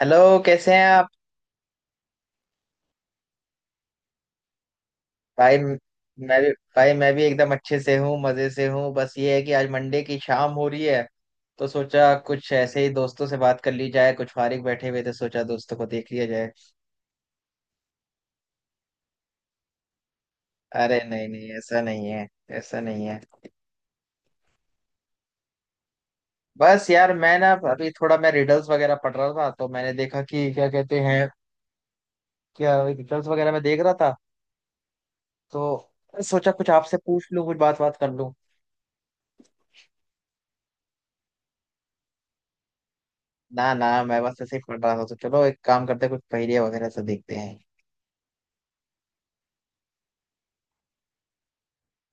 Hello. कैसे हैं आप? भाई मैं भी। भाई मैं भी एकदम अच्छे से हूँ, मजे से हूँ। बस ये है कि आज मंडे की शाम हो रही है, तो सोचा कुछ ऐसे ही दोस्तों से बात कर ली जाए। कुछ फारिग बैठे हुए थे, सोचा दोस्तों को देख लिया जाए। अरे नहीं नहीं, ऐसा नहीं है। ऐसा नहीं है। बस यार, मैं ना अभी थोड़ा मैं रिडल्स वगैरह पढ़ रहा था, तो मैंने देखा कि क्या कहते हैं। क्या रिडल्स वगैरह मैं देख रहा था, तो सोचा कुछ आपसे पूछ लूं, कुछ बात बात कर लूं। ना ना, मैं बस ऐसे ही पढ़ रहा था, तो चलो एक काम करते हैं, कुछ पहेलियां वगैरह से देखते हैं।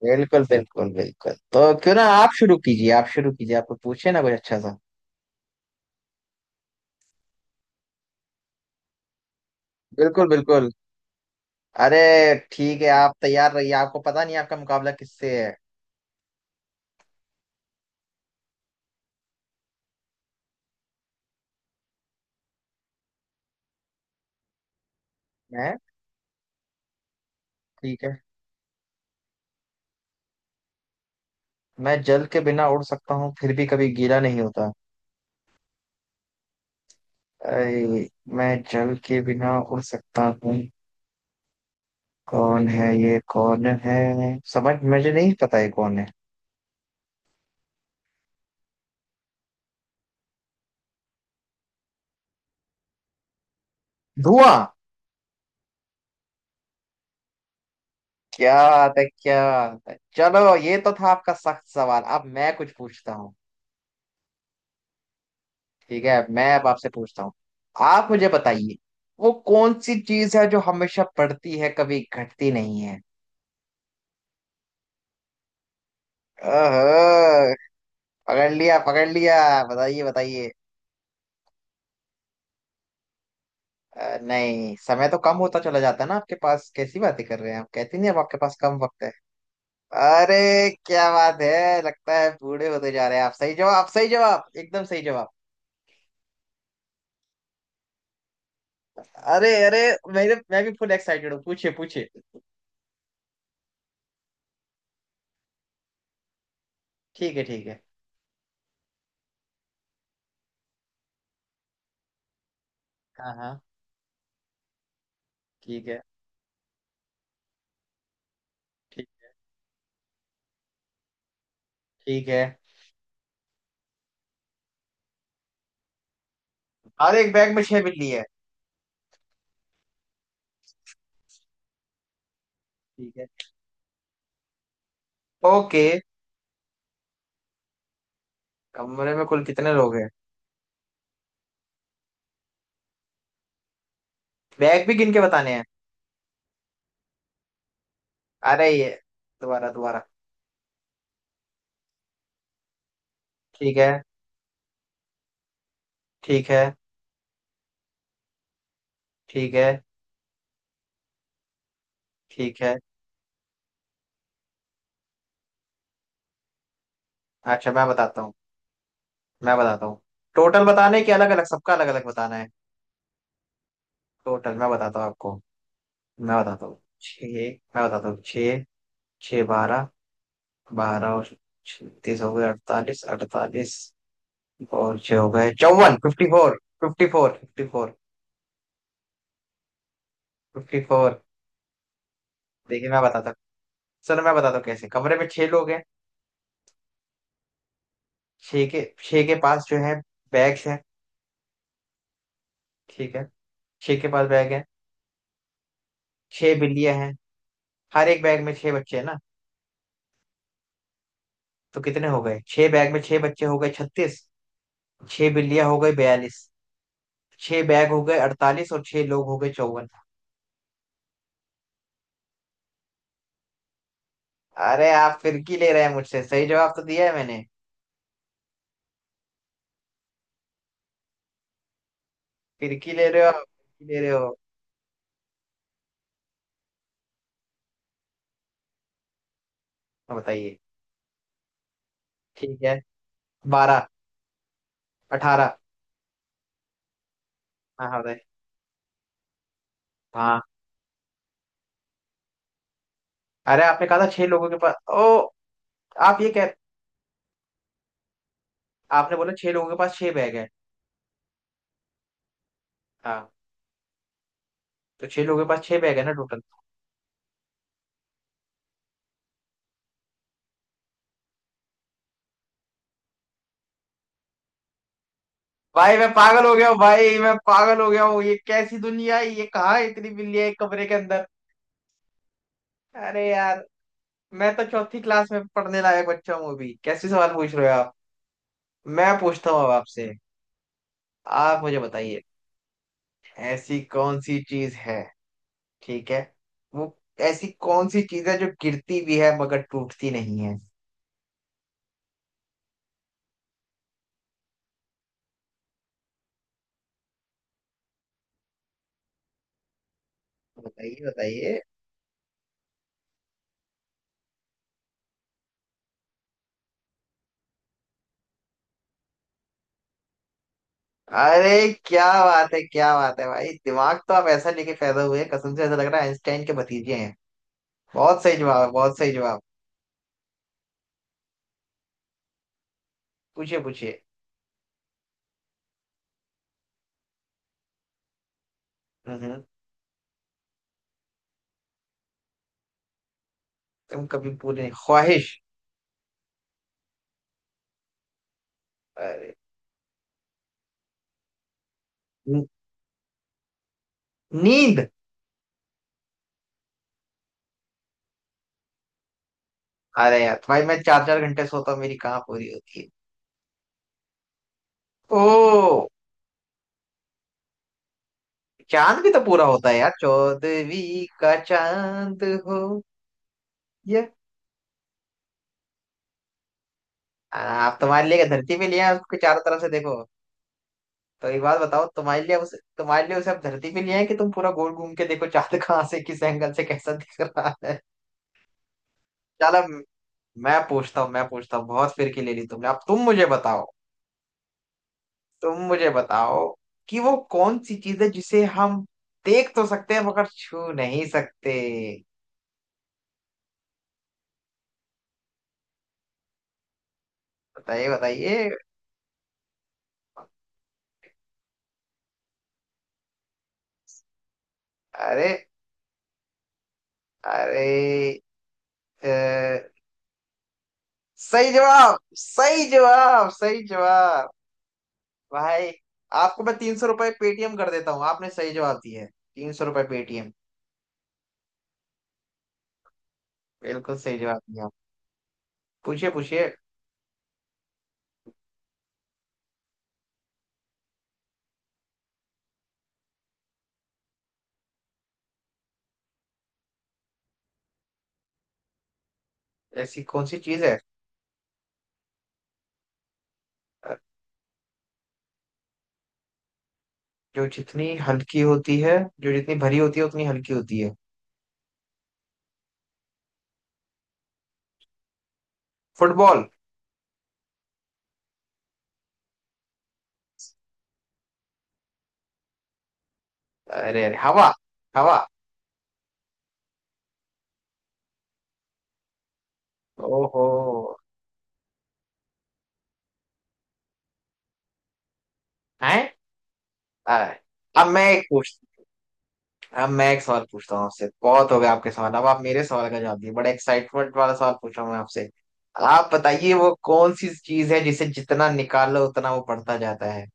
बिल्कुल बिल्कुल बिल्कुल। तो क्यों ना आप शुरू कीजिए, आप शुरू कीजिए, आप पूछे ना कुछ अच्छा सा। बिल्कुल बिल्कुल। अरे ठीक है, आप तैयार रहिए, आपको पता नहीं आपका मुकाबला किससे है। मैं ठीक है, मैं जल के बिना उड़ सकता हूँ फिर भी कभी गीला नहीं होता। अरे मैं जल के बिना उड़ सकता हूँ। कौन है ये? कौन है? समझ मुझे नहीं पता ये कौन है। धुआं। क्या बात है? क्या बात है? चलो, ये तो था आपका सख्त सवाल, अब मैं कुछ पूछता हूँ। ठीक है, मैं अब आपसे पूछता हूँ। आप मुझे बताइए, वो कौन सी चीज है जो हमेशा बढ़ती है कभी घटती नहीं है? ओहो। पकड़ लिया पकड़ लिया। बताइए बताइए। नहीं, समय तो कम होता चला जाता है ना आपके पास। कैसी बातें कर रहे हैं आप? कहती नहीं अब आपके पास कम वक्त है। अरे क्या बात है, लगता है बूढ़े होते जा रहे हैं आप। सही जवाब सही जवाब, एकदम सही जवाब। अरे अरे। मेरे मैं भी फुल एक्साइटेड हूँ, पूछिए पूछिए। ठीक है ठीक है। हाँ हाँ। ठीक है। ठीक। ठीक है। हर एक बैग में छह बिल्ली है। ठीक है। ओके। कमरे में कुल कितने लोग हैं? बैग भी गिन के बताने हैं? अरे ये, दोबारा दोबारा। ठीक है ठीक है। ठीक है ठीक है। अच्छा मैं बताता हूँ। मैं बताता हूँ। टोटल बताने के, अलग अलग सबका अलग अलग बताना है? टोटल मैं बताता हूँ आपको। मैं बताता हूँ छः। मैं बताता हूँ छः। छः, 12। 12 और 36 हो गए, 48 48। और छः हो गए 54। 54, 54, फिफ्टी फोर, फिफ्टी फोर। देखिए मैं बताता हूँ, सर मैं बताता हूँ कैसे। कमरे में छह लोग हैं। छह के पास जो है, बैग्स हैं। ठीक है। छह के पास बैग है। छह बिल्लियां हैं। हर एक बैग में छह बच्चे हैं ना? तो कितने हो गए? छह बैग में छह बच्चे हो गए 36। छह बिल्लियां हो गई 42। छह बैग हो गए 48, और छह लोग हो गए 54। अरे आप फिरकी ले रहे हैं मुझसे, सही जवाब तो दिया है मैंने। फिरकी ले रहे हो आप, फिरकी ले रहे हो। हाँ, बताइए। ठीक है। 12। 18। हाँ हाँ बताइए। हाँ। अरे आपने कहा था छह लोगों के पास। ओ, आप ये कह, आपने बोला छह लोगों के पास छह बैग है। हाँ। तो छह लोगों के पास छह बैग है ना टोटल? भाई मैं पागल हो गया हूँ, भाई मैं पागल हो गया हूँ। ये कैसी दुनिया है, ये कहाँ है इतनी बिल्लियाँ एक कमरे के अंदर? अरे यार, मैं तो चौथी क्लास में पढ़ने लायक बच्चा हूँ अभी, कैसे सवाल पूछ रहे हो आप? मैं पूछता हूँ अब आपसे। आप मुझे बताइए, ऐसी कौन सी चीज है, ठीक है, वो ऐसी कौन सी चीज है जो गिरती भी है मगर टूटती नहीं है? बताइए बताइए। अरे क्या बात है, क्या बात है भाई, दिमाग तो आप ऐसा लेके पैदा हुए हैं, कसम से ऐसा लग रहा है आइंस्टाइन के भतीजे हैं। बहुत सही जवाब है, बहुत सही जवाब। पूछिए पूछिए। हम्म। तुम कभी पूरी नहीं? ख्वाहिश? अरे न- नींद। अरे यार भाई, मैं चार चार घंटे सोता हूँ, मेरी कहाँ पूरी होती है? ओ। चांद भी तो पूरा होता है यार, 14वीं का चांद हो। ये आप तुम्हारे लिए धरती पे लिया है उसके चारों तरफ से देखो। तो एक बात बताओ, तुम्हारे लिए उसे, तुम्हारे लिए उसे अब धरती पे ले आए कि तुम पूरा गोल घूम के देखो चांद कहाँ से किस एंगल से कैसा दिख रहा है। चलो मैं पूछता हूँ। मैं पूछता हूँ, बहुत फिरकी ले ली तुमने, अब तुम मुझे बताओ। तुम मुझे बताओ कि वो कौन सी चीज है जिसे हम देख तो सकते हैं मगर छू नहीं सकते? बताइए बताइए। अरे अरे। अ, सही जवाब सही जवाब सही जवाब। भाई, आपको मैं ₹300 पेटीएम कर देता हूँ, आपने सही जवाब दिया है। ₹300 पेटीएम। बिल्कुल सही जवाब दिया आप। पूछिए पूछिए। ऐसी कौन सी चीज है, अ, जो जितनी हल्की होती है, जो जितनी भरी होती है उतनी हल्की होती है? फुटबॉल। अरे अरे, हवा। हवा। ओहो। है। अब मैं एक पूछ, अब मैं एक सवाल पूछता हूँ आपसे, बहुत हो गया आपके सवाल, अब आप मेरे सवाल का जवाब दिए। बड़ा एक्साइटमेंट वाला सवाल पूछ रहा हूँ मैं आपसे। आप बताइए, वो कौन सी चीज है जिसे जितना निकालो उतना वो बढ़ता जाता है?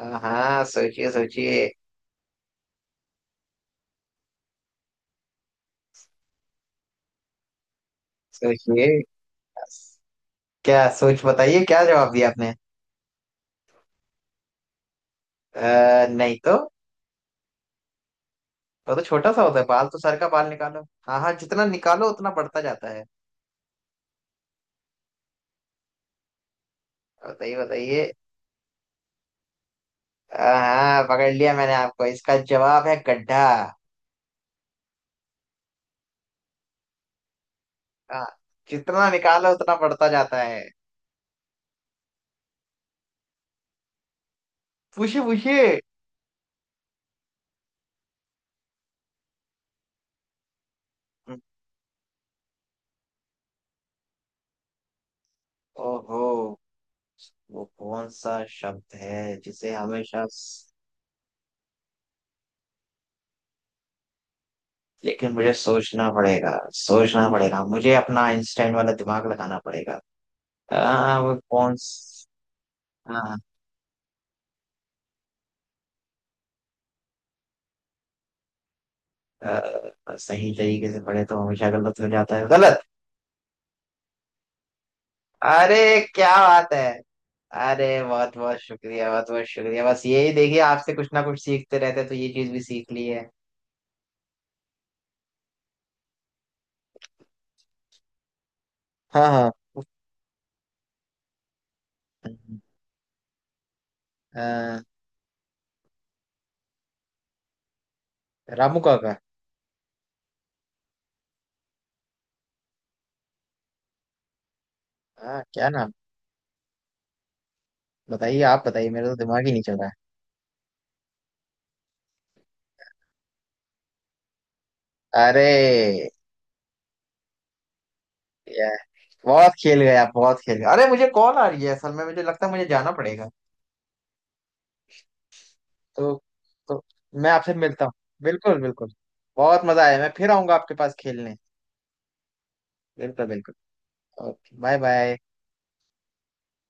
हाँ, सोचिए सोचिए। सोचिए। क्या सोच, बताइए क्या जवाब दिया आपने। नहीं तो। वो तो छोटा सा होता है बाल, तो सर का बाल निकालो। हाँ हाँ, जितना निकालो उतना बढ़ता जाता है। बताइए बताइए। हाँ हाँ, पकड़ लिया मैंने आपको, इसका जवाब है गड्ढा। हाँ। जितना निकालो उतना बढ़ता जाता है। पूछिए पूछिए। ओहो। वो कौन सा शब्द है जिसे हमेशा, लेकिन मुझे सोचना पड़ेगा, सोचना पड़ेगा, मुझे अपना आइंस्टाइन वाला दिमाग लगाना पड़ेगा। वो हाँ। सही तरीके से पढ़े तो हमेशा गलत हो जाता है, गलत। अरे क्या बात है। अरे बहुत बहुत शुक्रिया, बहुत बहुत शुक्रिया। बस यही देखिए, आपसे कुछ ना कुछ सीखते रहते हैं, तो ये चीज भी सीख ली है। हाँ हाँ। अ, रामू काका। हाँ, क्या नाम? बताइए, आप बताइए, मेरा तो दिमाग ही नहीं चल रहा। है। अरे या, बहुत खेल गए आप, बहुत खेल गए। अरे मुझे कॉल आ रही है असल में, मुझे लगता है मुझे जाना पड़ेगा। तो तो मैं आपसे मिलता हूँ। बिल्कुल बिल्कुल। बहुत मजा आया, मैं फिर आऊंगा आपके पास खेलने। बिल्कुल बिल्कुल। Okay, bye bye.